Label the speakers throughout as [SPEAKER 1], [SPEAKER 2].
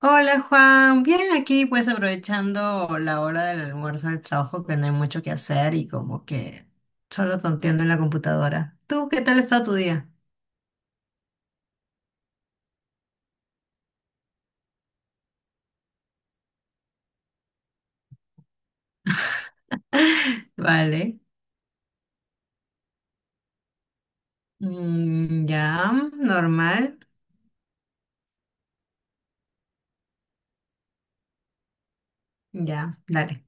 [SPEAKER 1] Hola Juan, bien aquí pues aprovechando la hora del almuerzo del trabajo que no hay mucho que hacer y como que solo tonteando en la computadora. ¿Tú qué tal ha estado tu día? Vale. Mm, ya, normal. Ya, dale.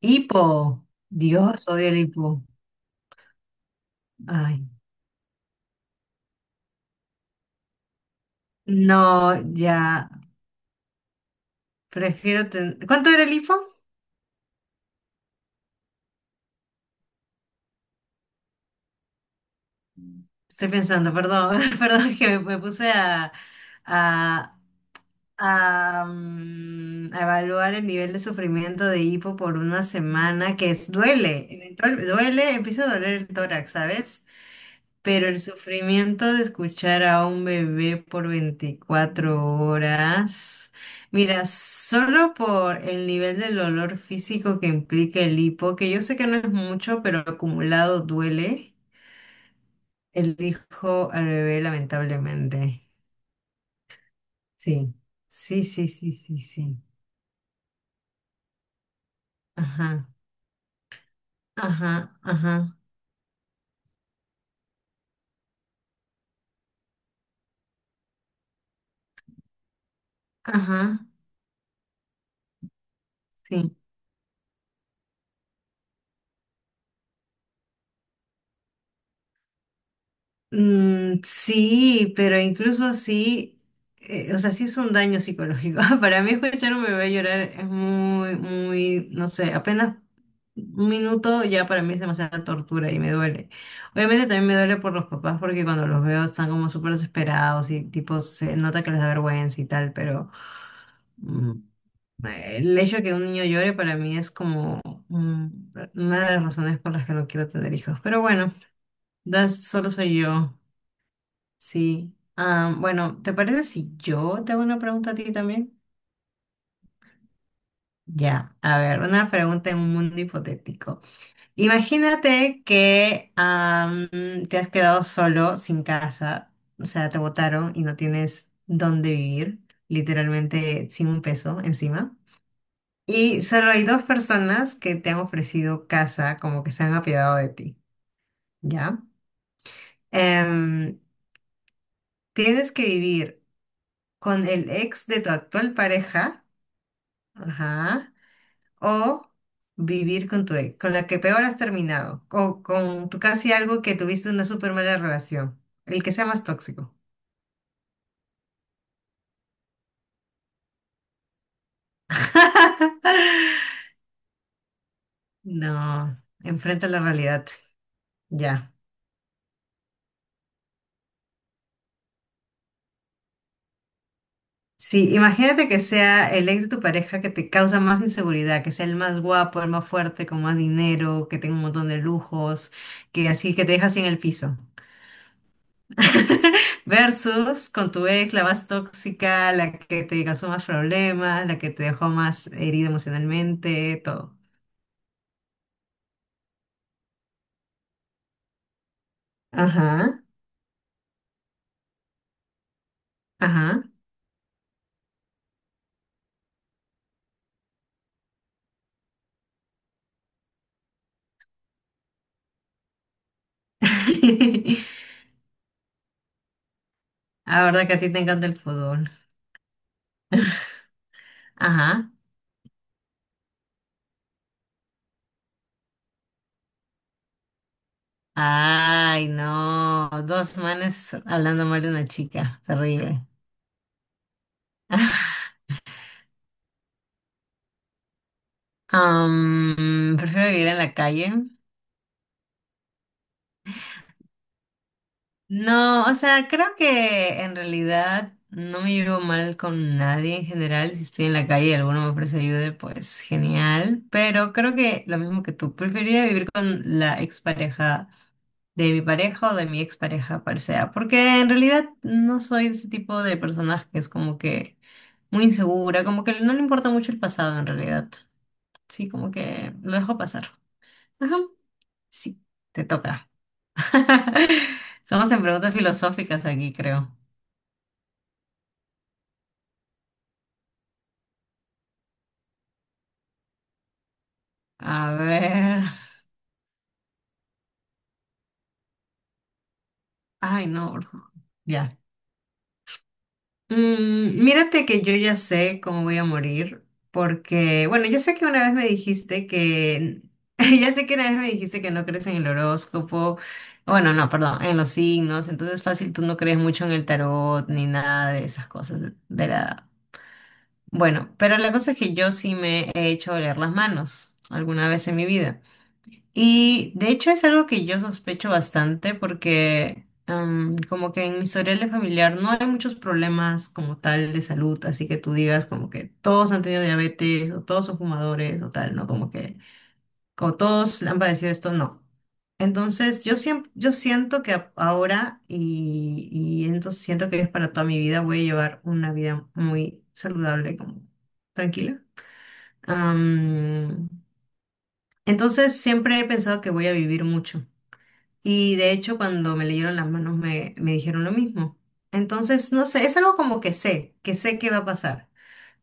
[SPEAKER 1] Hipo. Dios, odio el hipo. Ay, no, ya. ¿Cuánto era el hipo? Estoy pensando, perdón. Perdón, es que me puse a, a evaluar el nivel de sufrimiento de hipo por una semana, que es, duele, duele, empieza a doler el tórax, ¿sabes? Pero el sufrimiento de escuchar a un bebé por 24 horas, mira, solo por el nivel del dolor físico que implica el hipo, que yo sé que no es mucho, pero acumulado duele, el hijo al bebé lamentablemente. Sí, sí, sí, sí, sí, sí. Ajá. Ajá, ajá, ajá, sí. Mm, sí, pero incluso así, o sea, sí es un daño psicológico. Para mí escuchar un bebé llorar es muy, muy, no sé, apenas un minuto ya para mí es demasiada tortura y me duele. Obviamente también me duele por los papás porque cuando los veo están como súper desesperados y tipo se nota que les da vergüenza y tal, pero... Mm, El hecho de que un niño llore para mí es como mm, una de las razones por las que no quiero tener hijos. Pero bueno, das, solo soy yo. Sí. Ah, bueno, ¿te parece si yo te hago una pregunta a ti también? Ya, a ver, una pregunta en un mundo hipotético. Imagínate que te has quedado solo, sin casa, o sea, te botaron y no tienes dónde vivir, literalmente sin un peso encima. Y solo hay dos personas que te han ofrecido casa, como que se han apiadado de ti, ¿ya? Em, tienes que vivir con el ex de tu actual pareja, ajá, o vivir con tu ex, con la que peor has terminado, o con tu casi algo que tuviste una súper mala relación, el que sea más tóxico. No, enfrenta la realidad, ya. Sí, imagínate que sea el ex de tu pareja que te causa más inseguridad, que sea el más guapo, el más fuerte, con más dinero, que tenga un montón de lujos, que así que te deja así en el piso. Versus con tu ex, la más tóxica, la que te causó más problemas, la que te dejó más herida emocionalmente, todo. Ajá, ajá. La verdad que a ti te encanta el fútbol. Ajá. Ay, no. Dos manes hablando mal de una chica. Terrible. Prefiero vivir en la calle. No, o sea, creo que en realidad no me llevo mal con nadie en general. Si estoy en la calle y alguno me ofrece ayuda, pues genial. Pero creo que lo mismo que tú, preferiría vivir con la expareja de mi pareja o de mi expareja, cual sea. Porque en realidad no soy de ese tipo de personas que es como que muy insegura, como que no le importa mucho el pasado en realidad. Sí, como que lo dejo pasar. Ajá, sí, te toca. Estamos en preguntas filosóficas aquí, creo. A ver. Ay, no, bro. Ya. Mírate que yo ya sé cómo voy a morir, porque, bueno, ya sé que una vez me dijiste que, ya sé que una vez me dijiste que no crees en el horóscopo, bueno, no, perdón, en los signos, entonces fácil, tú no crees mucho en el tarot ni nada de esas cosas de la... Bueno, pero la cosa es que yo sí me he hecho oler las manos alguna vez en mi vida. Y de hecho es algo que yo sospecho bastante porque como que en mi historial de familiar no hay muchos problemas como tal de salud, así que tú digas como que todos han tenido diabetes o todos son fumadores o tal, ¿no? Como que como todos han padecido esto, no. Entonces yo siempre, yo siento que ahora y entonces siento que es para toda mi vida voy a llevar una vida muy saludable, como tranquila. Am, entonces siempre he pensado que voy a vivir mucho. Y de hecho, cuando me leyeron las manos me dijeron lo mismo. Entonces, no sé, es algo como que que sé que va a pasar,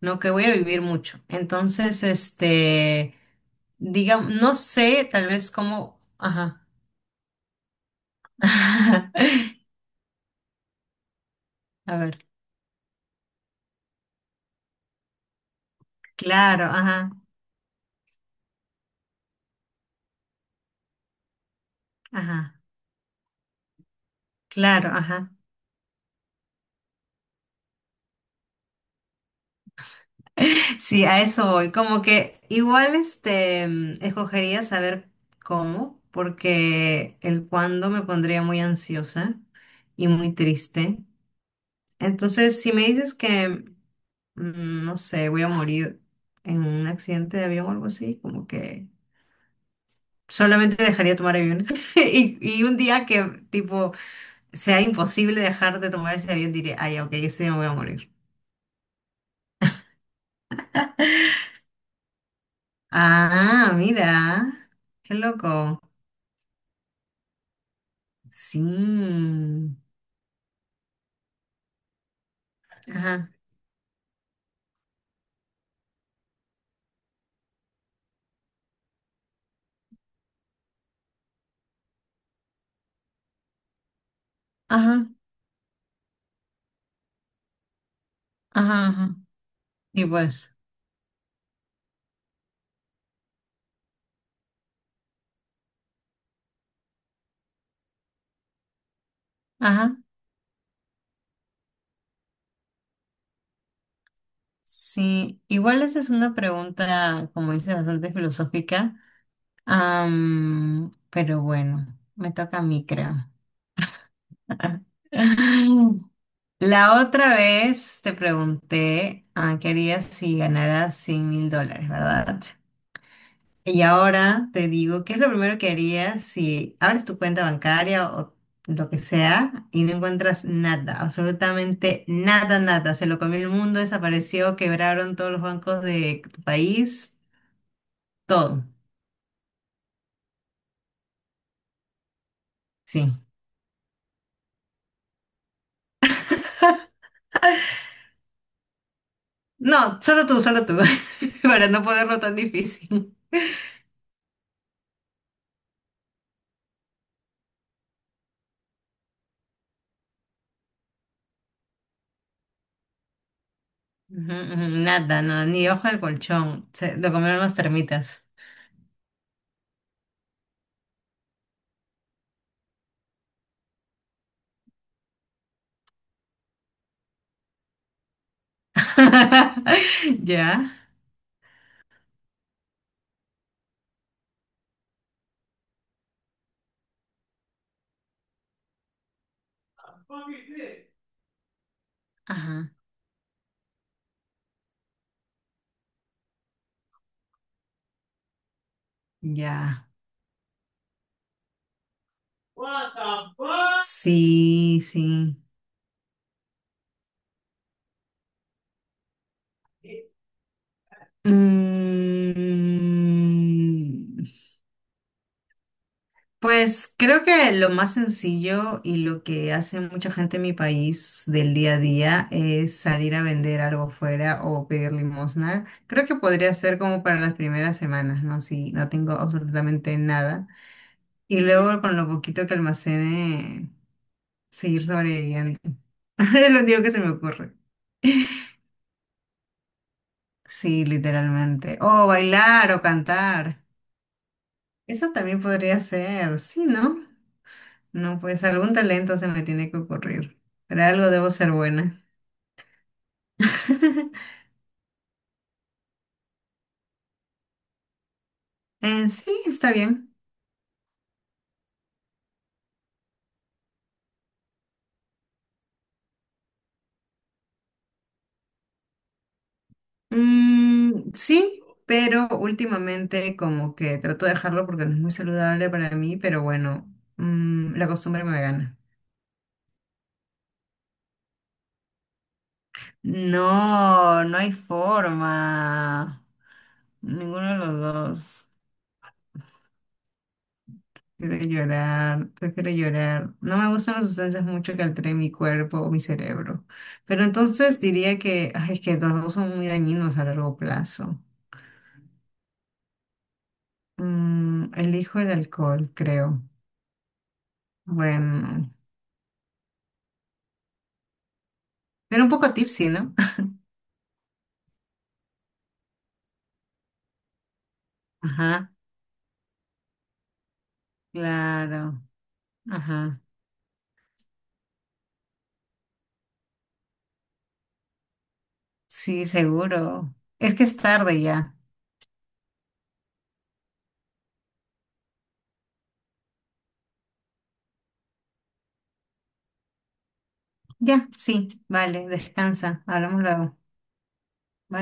[SPEAKER 1] no que voy a vivir mucho. Entonces, este, digamos, no sé tal vez cómo, ajá. A ver, claro, ajá, ajá, claro, ajá. Sí, a eso voy. Como que igual este escogería saber cómo, porque el cuándo me pondría muy ansiosa y muy triste. Entonces, si me dices que, no sé, voy a morir en un accidente de avión o algo así, como que solamente dejaría de tomar aviones. Y un día que, tipo, sea imposible dejar de tomar ese avión, diré, ay, ok, ese día me voy a morir. Ah, mira, qué loco. Sí. Ajá, ajá, ajá, ajá. Y pues, ajá. Sí, igual esa es una pregunta, como dice, bastante filosófica. Pero bueno, me toca a mí, creo. La otra vez te pregunté qué harías si ganaras 100 mil dólares, ¿verdad? Y ahora te digo, ¿qué es lo primero que harías si abres tu cuenta bancaria o lo que sea y no encuentras nada, absolutamente nada, nada? Se lo comió el mundo, desapareció, quebraron todos los bancos de tu país, todo. Sí. No, solo tú, para no ponerlo tan difícil. Ujú, ujú, nada, no, ni ojo de colchón, lo comieron las termitas. ¿Ya? Ajá, ya. What the fuck? Sí, sí. Mm, Pues creo que lo más sencillo y lo que hace mucha gente en mi país del día a día es salir a vender algo fuera o pedir limosna. Creo que podría ser como para las primeras semanas, ¿no? Si no tengo absolutamente nada. Y luego con lo poquito que almacene, seguir sobreviviendo. Es lo único que se me ocurre. Sí, literalmente. O bailar o cantar. Eso también podría ser, sí, ¿no? No, pues algún talento se me tiene que ocurrir. Pero algo debo ser buena. Sí, está bien. Mm, sí, pero últimamente como que trato de dejarlo porque no es muy saludable para mí, pero bueno, la costumbre me gana. No, no hay forma. Ninguno de los dos. Prefiero llorar, prefiero llorar. No me gustan las sustancias mucho que alteren mi cuerpo o mi cerebro. Pero entonces diría que, ay, es que los dos son muy dañinos a largo plazo. Elijo el alcohol, creo. Bueno, pero un poco tipsy, ¿no? Ajá, claro. Ajá, sí, seguro. Es que es tarde ya. Ya, sí, vale, descansa. Hablamos luego. Bye.